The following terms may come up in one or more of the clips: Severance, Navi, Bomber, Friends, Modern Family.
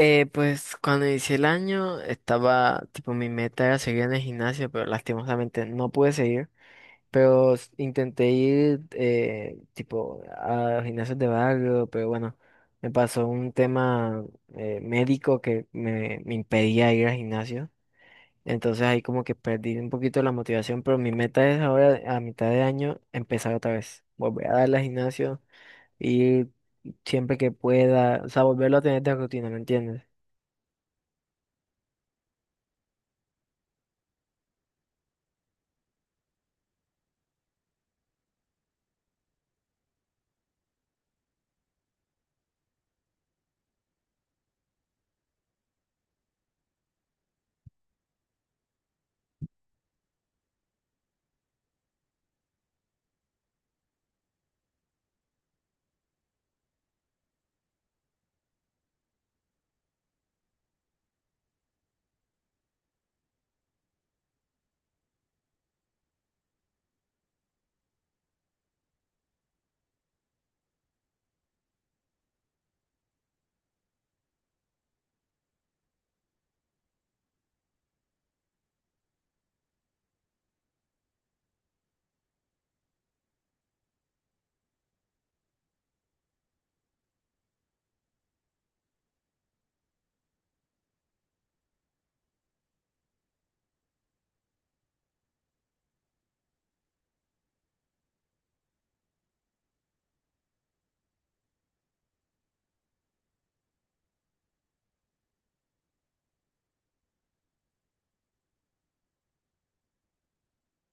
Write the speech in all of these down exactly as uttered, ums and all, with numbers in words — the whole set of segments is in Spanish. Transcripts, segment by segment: Eh, pues cuando inicié el año estaba, tipo, mi meta era seguir en el gimnasio, pero lastimosamente no pude seguir. Pero s- intenté ir, eh, tipo, a gimnasios de barrio, pero bueno, me pasó un tema eh, médico que me, me impedía ir al gimnasio. Entonces ahí como que perdí un poquito la motivación, pero mi meta es ahora, a mitad de año, empezar otra vez. Volver a darle al gimnasio, ir siempre que pueda, o sea, volverlo a tener de rutina, ¿me entiendes?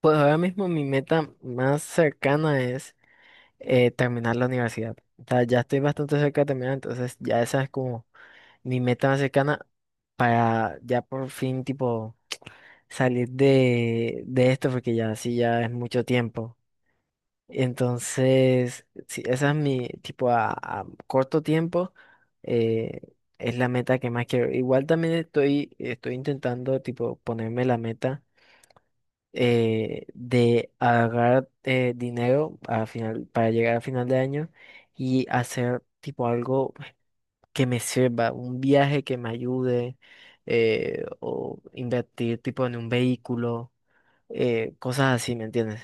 Pues ahora mismo mi meta más cercana es eh, terminar la universidad. O sea, ya estoy bastante cerca de terminar, entonces ya esa es como mi meta más cercana para ya por fin tipo salir de, de esto, porque ya sí ya es mucho tiempo. Entonces, sí, esa es mi tipo a, a corto tiempo, eh, es la meta que más quiero. Igual también estoy, estoy intentando tipo ponerme la meta eh, de agarrar eh, dinero a final, para llegar a final de año y hacer tipo algo que me sirva, un viaje que me ayude eh, o invertir tipo en un vehículo, eh, cosas así, ¿me entiendes?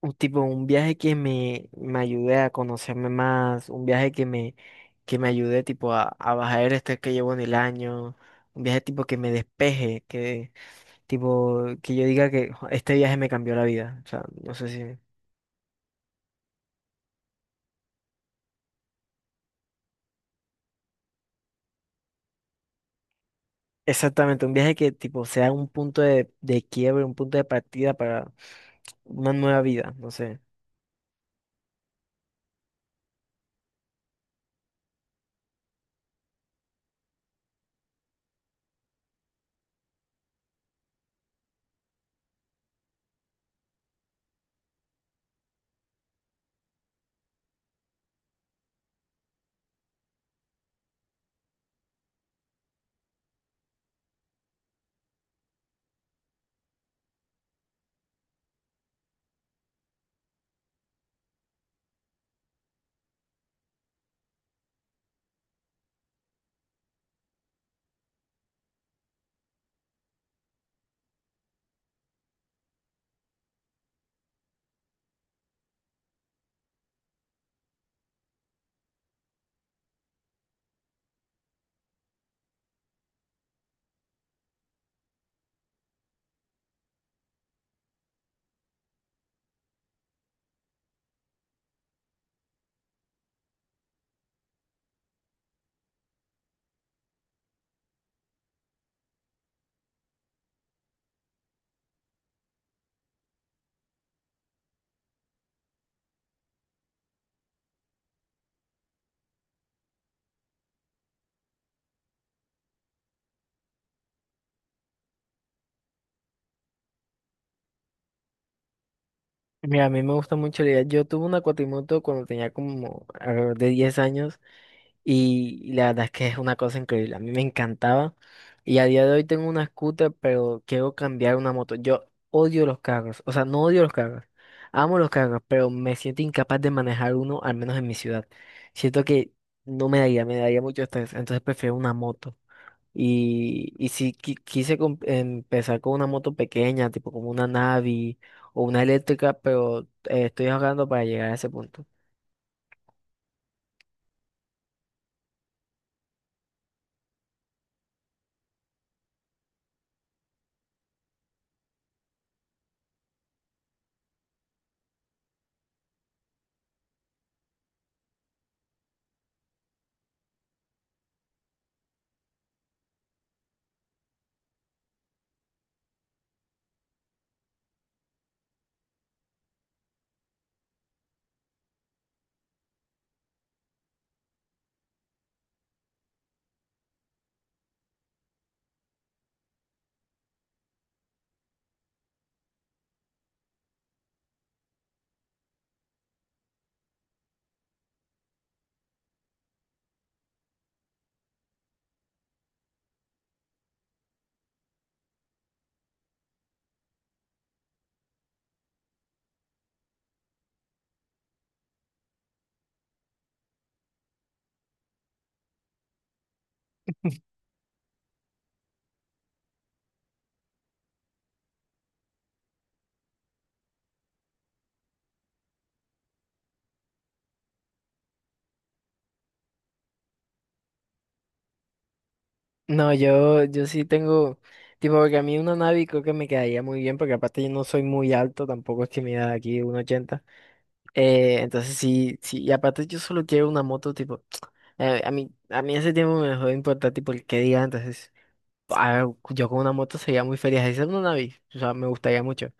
Un tipo, un viaje que me, me ayude a conocerme más, un viaje que me, que me ayude tipo a, a bajar el estrés que llevo en el año, un viaje tipo que me despeje. Tipo, que yo diga que "Jo, este viaje me cambió la vida". O sea, no sé si... Exactamente, un viaje que tipo sea un punto de, de quiebre, un punto de partida para una nueva vida, no sé. Mira, a mí me gusta mucho la idea. Yo tuve una cuatrimoto cuando tenía como alrededor de diez años. Y la verdad es que es una cosa increíble. A mí me encantaba. Y a día de hoy tengo una scooter, pero quiero cambiar una moto. Yo odio los carros. O sea, no odio los carros. Amo los carros, pero me siento incapaz de manejar uno, al menos en mi ciudad. Siento que no me daría, me daría mucho estrés. Entonces prefiero una moto. Y, y si qui- quise com- empezar con una moto pequeña, tipo como una Navi o una eléctrica, pero eh, estoy ahorrando para llegar a ese punto. No, yo, yo sí tengo, tipo, porque a mí una Navi creo que me quedaría muy bien, porque aparte yo no soy muy alto, tampoco es que me da aquí uno ochenta. Eh, entonces sí, sí, y aparte yo solo quiero una moto, tipo, eh, a mí, a mí ese tiempo me dejó de importar, tipo, el que diga. Entonces, ah, yo con una moto sería muy feliz, así sea una Navi, o sea, me gustaría mucho,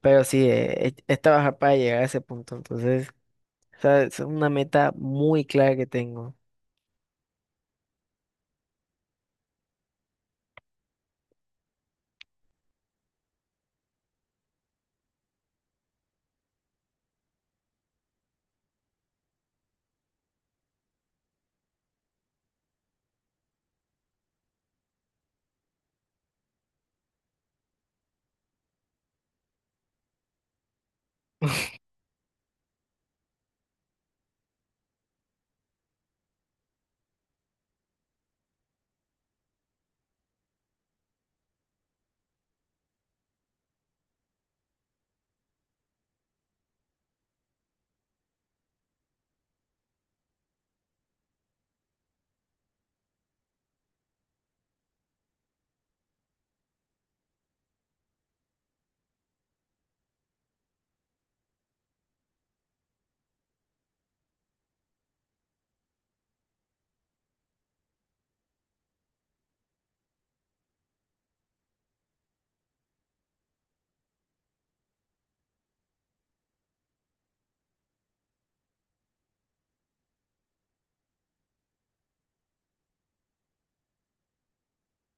pero sí, eh, es, es trabajar para llegar a ese punto, entonces, o sea, es una meta muy clara que tengo.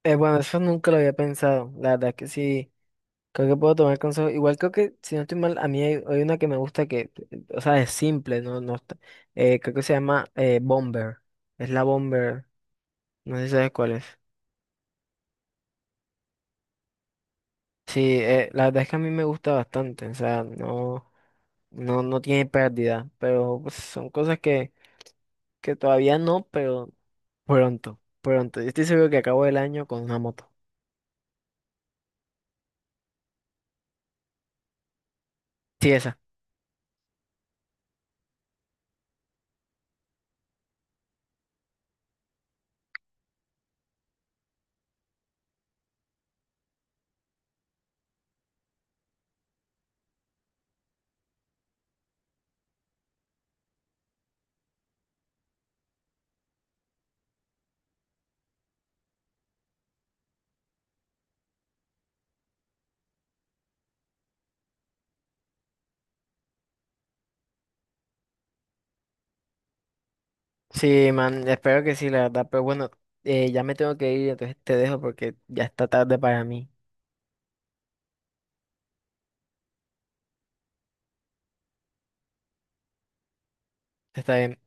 Eh, bueno, eso nunca lo había pensado, la verdad que sí. Creo que puedo tomar consejos. Igual creo que, si no estoy mal, a mí hay, hay una que me gusta que, eh, o sea, es simple, no, no está- eh, creo que se llama eh, Bomber. Es la Bomber. No sé si sabes cuál es. Sí, eh, la verdad es que a mí me gusta bastante. O sea, no, no, no tiene pérdida. Pero pues, son cosas que, que todavía no, pero pronto, pronto. Yo estoy seguro que acabo el año con una moto. Sí, esa. Sí, man, espero que sí, la verdad. Pero bueno, eh, ya me tengo que ir, entonces te dejo porque ya está tarde para mí. Está bien.